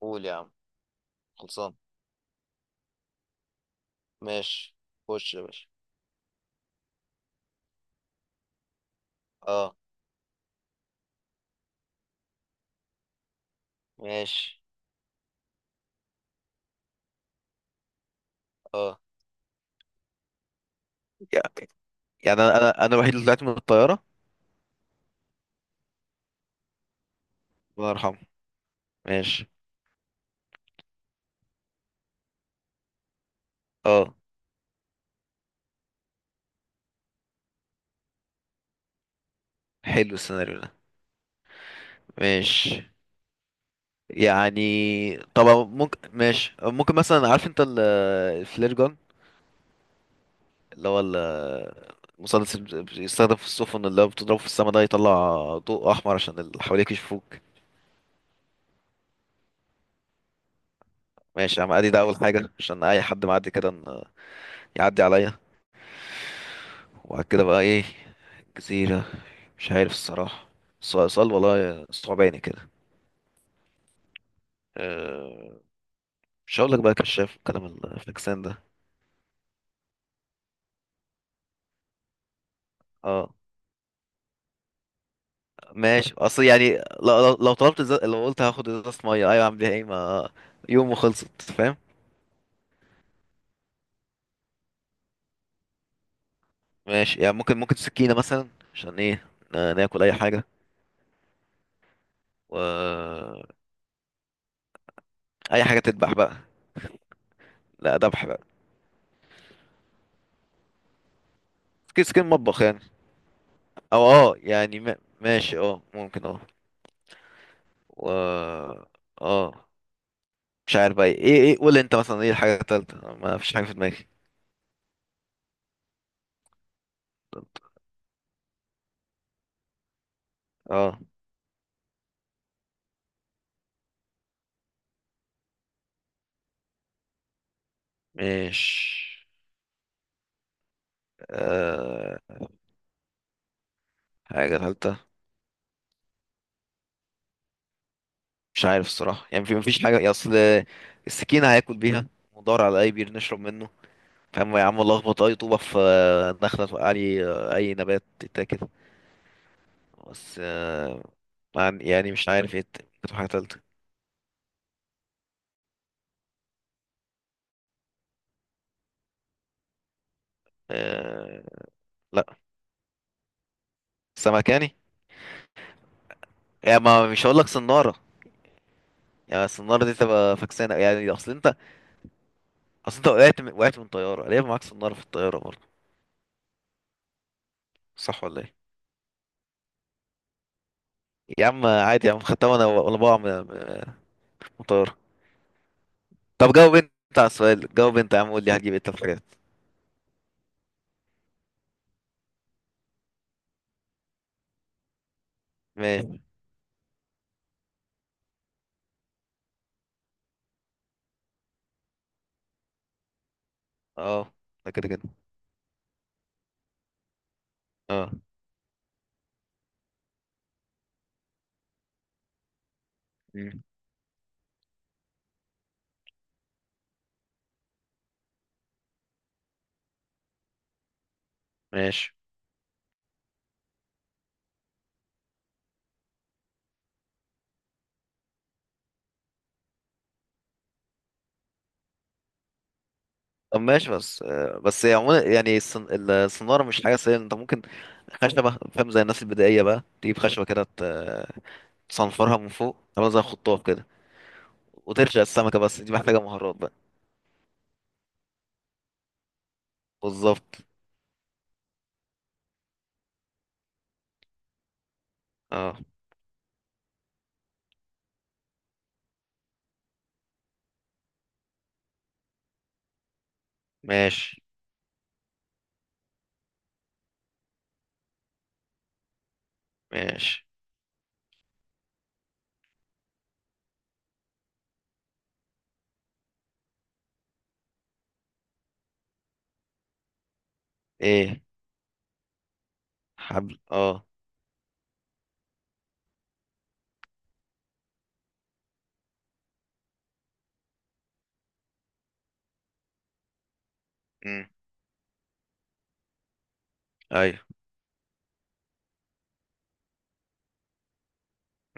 قول يا عم. خلصان. ماشي. خش يا باشا. اه. ماشي. اه يعني، يعني انا الوحيد اللي طلعت من الطياره. الله يرحمه. ماشي. اه، حلو السيناريو ده. ماشي يعني. طبعا ممكن، ماشي، ممكن مثلا، عارف انت الفلير جون، اللي هو المسدس اللي بيستخدم في السفن، اللي هو بتضربه في السما ده يطلع ضوء احمر عشان اللي حواليك يشوفوك. ماشي يا عم، ادي ده اول حاجه عشان اي حد معدي كده يعدي عليا. وبعد كده بقى ايه؟ الجزيرة، مش عارف الصراحة. صال والله صعباني كده. أه، مش هقول لك بقى كشاف والكلام الفاكسان ده. اه ماشي. اصل يعني لو طلبت زي... لو قلت هاخد ازازة مية، ايوه اعمل بيها ايه؟ ما يوم وخلصت، فاهم؟ ماشي يعني، ممكن سكينة مثلا. عشان ايه؟ ناكل اي حاجة. و اي حاجة تذبح بقى. لا، ذبح بقى. سكين، سكين مطبخ يعني. او اه يعني ما... ماشي، اه ممكن، اه. و اه، مش عارف بقى ايه، ايه، قول انت مثلا ايه الحاجة التالتة؟ ما فيش حاجة في دماغي. اه. مش آه... حاجة تالتة. مش عارف الصراحة يعني، في مفيش حاجة يا اصل. السكينة هياكل بيها. ودور على اي بير نشرب منه. فاهم يا عم، لخبط اي طوبة في دخلة توقع لي. اي نبات تتاكل. بس يعني مش عارف ايه ممكن تبقى حاجة تالتة. آه... لا، سمكاني يعني. يعني ما مش هقول لك صنارة، يعني الصنارة دي تبقى فكسانة، يعني اصل انت، اصل انت وقعت من... وقعت من طياره، ليه معاك صناره في الطياره برضه؟ صح ولا ايه؟ يا عم عادي يا عم، خدتها وانا وانا بقع من من طياره. طب جاوب انت على السؤال، جاوب انت يا عم، قول لي هتجيب ايه؟ طب حاجات. ماشي. اه. ده كده كده. اه. مم. ماشي. طب ماشي، بس بس يعني عموما، يعني الصنارة مش حاجة سهلة. انت ممكن خشبة، فاهم؟ زي الناس البدائية بقى، تجيب خشبة كده تصنفرها من فوق، تعملها زي خطاف كده، وترشق السمكة. بس دي محتاجة مهارات بقى. بالظبط. اه. ماشي. ماشي. ايه. حبل، اه. امم، ايوه.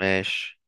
ماشي.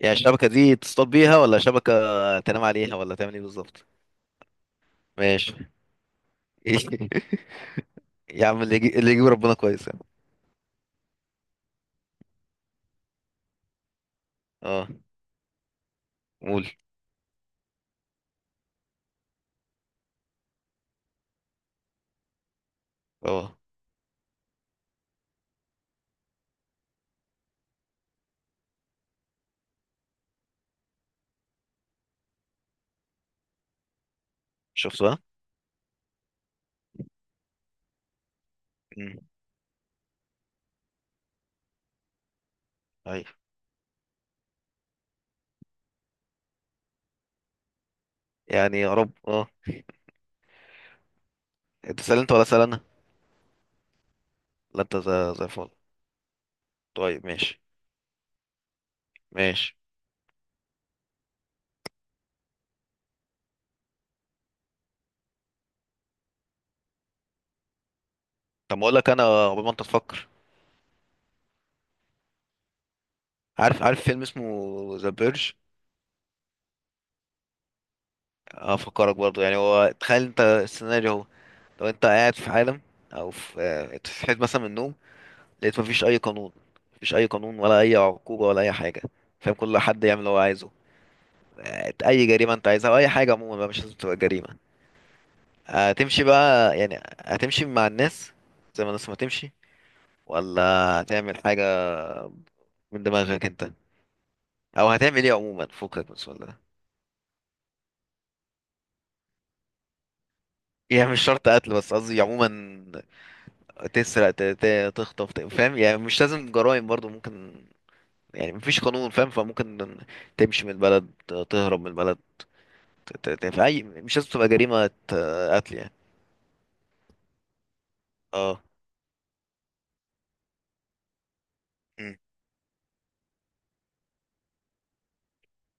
يعني الشبكة دي تصطاد بيها ولا شبكة تنام عليها؟ ولا تعمل ايه بالظبط؟ ماشي. يا عم، اللي يجي اللي يجيب ربنا كويس يعني. اه. قول. اه، شفت بقى. امم. ايوه. يعني يا رب. اه. انت سأل انت ولا سأل انا؟ لا، انت زي الفل. طيب ماشي. ماشي. طب ما اقول لك انا قبل ما انت تفكر. عارف، عارف فيلم اسمه ذا بيرج؟ افكرك برضه يعني، هو تخيل انت السيناريو، هو لو انت قاعد في عالم، او في انت صحيت مثلا من النوم، لقيت مفيش اي قانون، مفيش اي قانون ولا اي عقوبه ولا اي حاجه، فاهم؟ كل حد يعمل اللي هو عايزه. اي جريمه انت عايزها، واي حاجه عموما بقى، مش لازم تبقى جريمه. هتمشي بقى يعني، هتمشي مع الناس زي ما الناس ما تمشي، ولا هتعمل حاجه من دماغك انت، او هتعمل ايه عموما؟ فكك من السؤال ده. يعني مش شرط قتل، بس قصدي عموما، تسرق، تخطف، فاهم؟ يعني مش لازم جرائم برضو ممكن، يعني مفيش قانون، فاهم؟ فممكن تمشي من البلد، تهرب من البلد، في اي، مش لازم تبقى جريمة قتل يعني. اه. مم.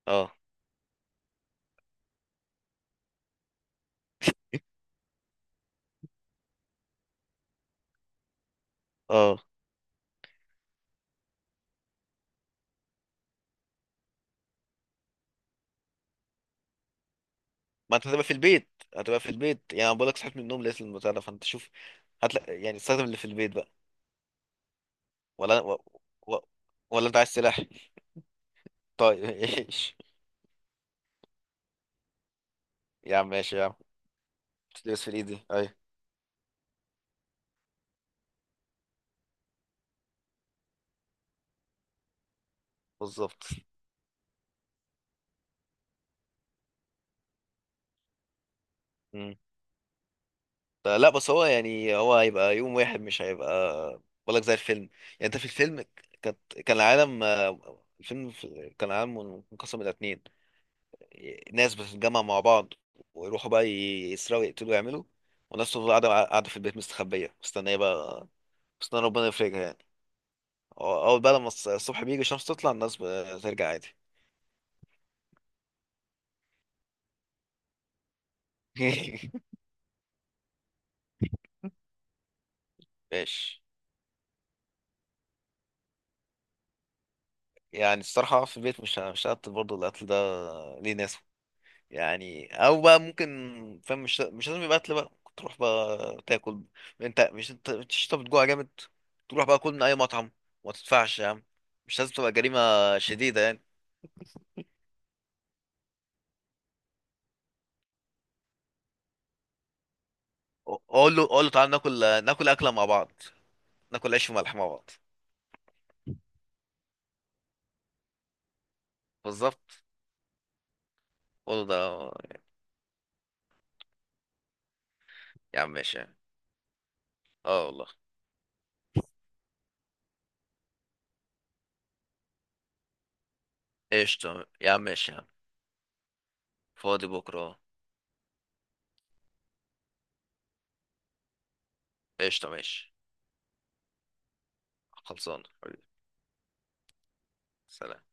اه. اه، ما انت هتبقى في البيت. هتبقى في البيت يعني، انا بقول لك صحيت من النوم لقيت البتاع ده، فانت شوف، هتلاقي يعني، استخدم اللي في البيت بقى. ولا و... و... ولا انت عايز سلاح؟ طيب. ايش. يا عم ماشي يا عم. بس في الايد دي، ايوه. بالظبط. مم. لا بس هو يعني، هو هيبقى يوم واحد، مش هيبقى. بقول لك زي الفيلم يعني، انت في الفيلم كانت، كان العالم الفيلم كان العالم منقسم الى اتنين. ناس بتتجمع مع بعض، ويروحوا بقى يسرقوا، يقتلوا، يعملوا. وناس تفضل قاعدة، قاعدة في البيت مستخبية، مستنية بقى، مستنية ربنا يفرجها يعني. أول بقى لما الصبح بيجي، الشمس تطلع، الناس بترجع عادي. ماشي. يعني الصراحة في البيت، مش هقتل برضه، القتل ده ليه ناس يعني. أو بقى ممكن، فاهم؟ مش لازم يبقى قتل بقى، ممكن تروح بقى تاكل، انت مش انت بتجوع جامد، تروح بقى كل من أي مطعم، ما تدفعش يا عم. مش لازم تبقى جريمة شديدة يعني. اقول له تعالى ناكل، ناكل اكله مع بعض، ناكل عيش وملح مع بعض. بالظبط. قول له ده. يا عم ماشي يعني. اه والله. قشطه يا عم ماشي يا عم. فاضي بكره. قشطه ماشي. خلصانه حبيبي. سلام.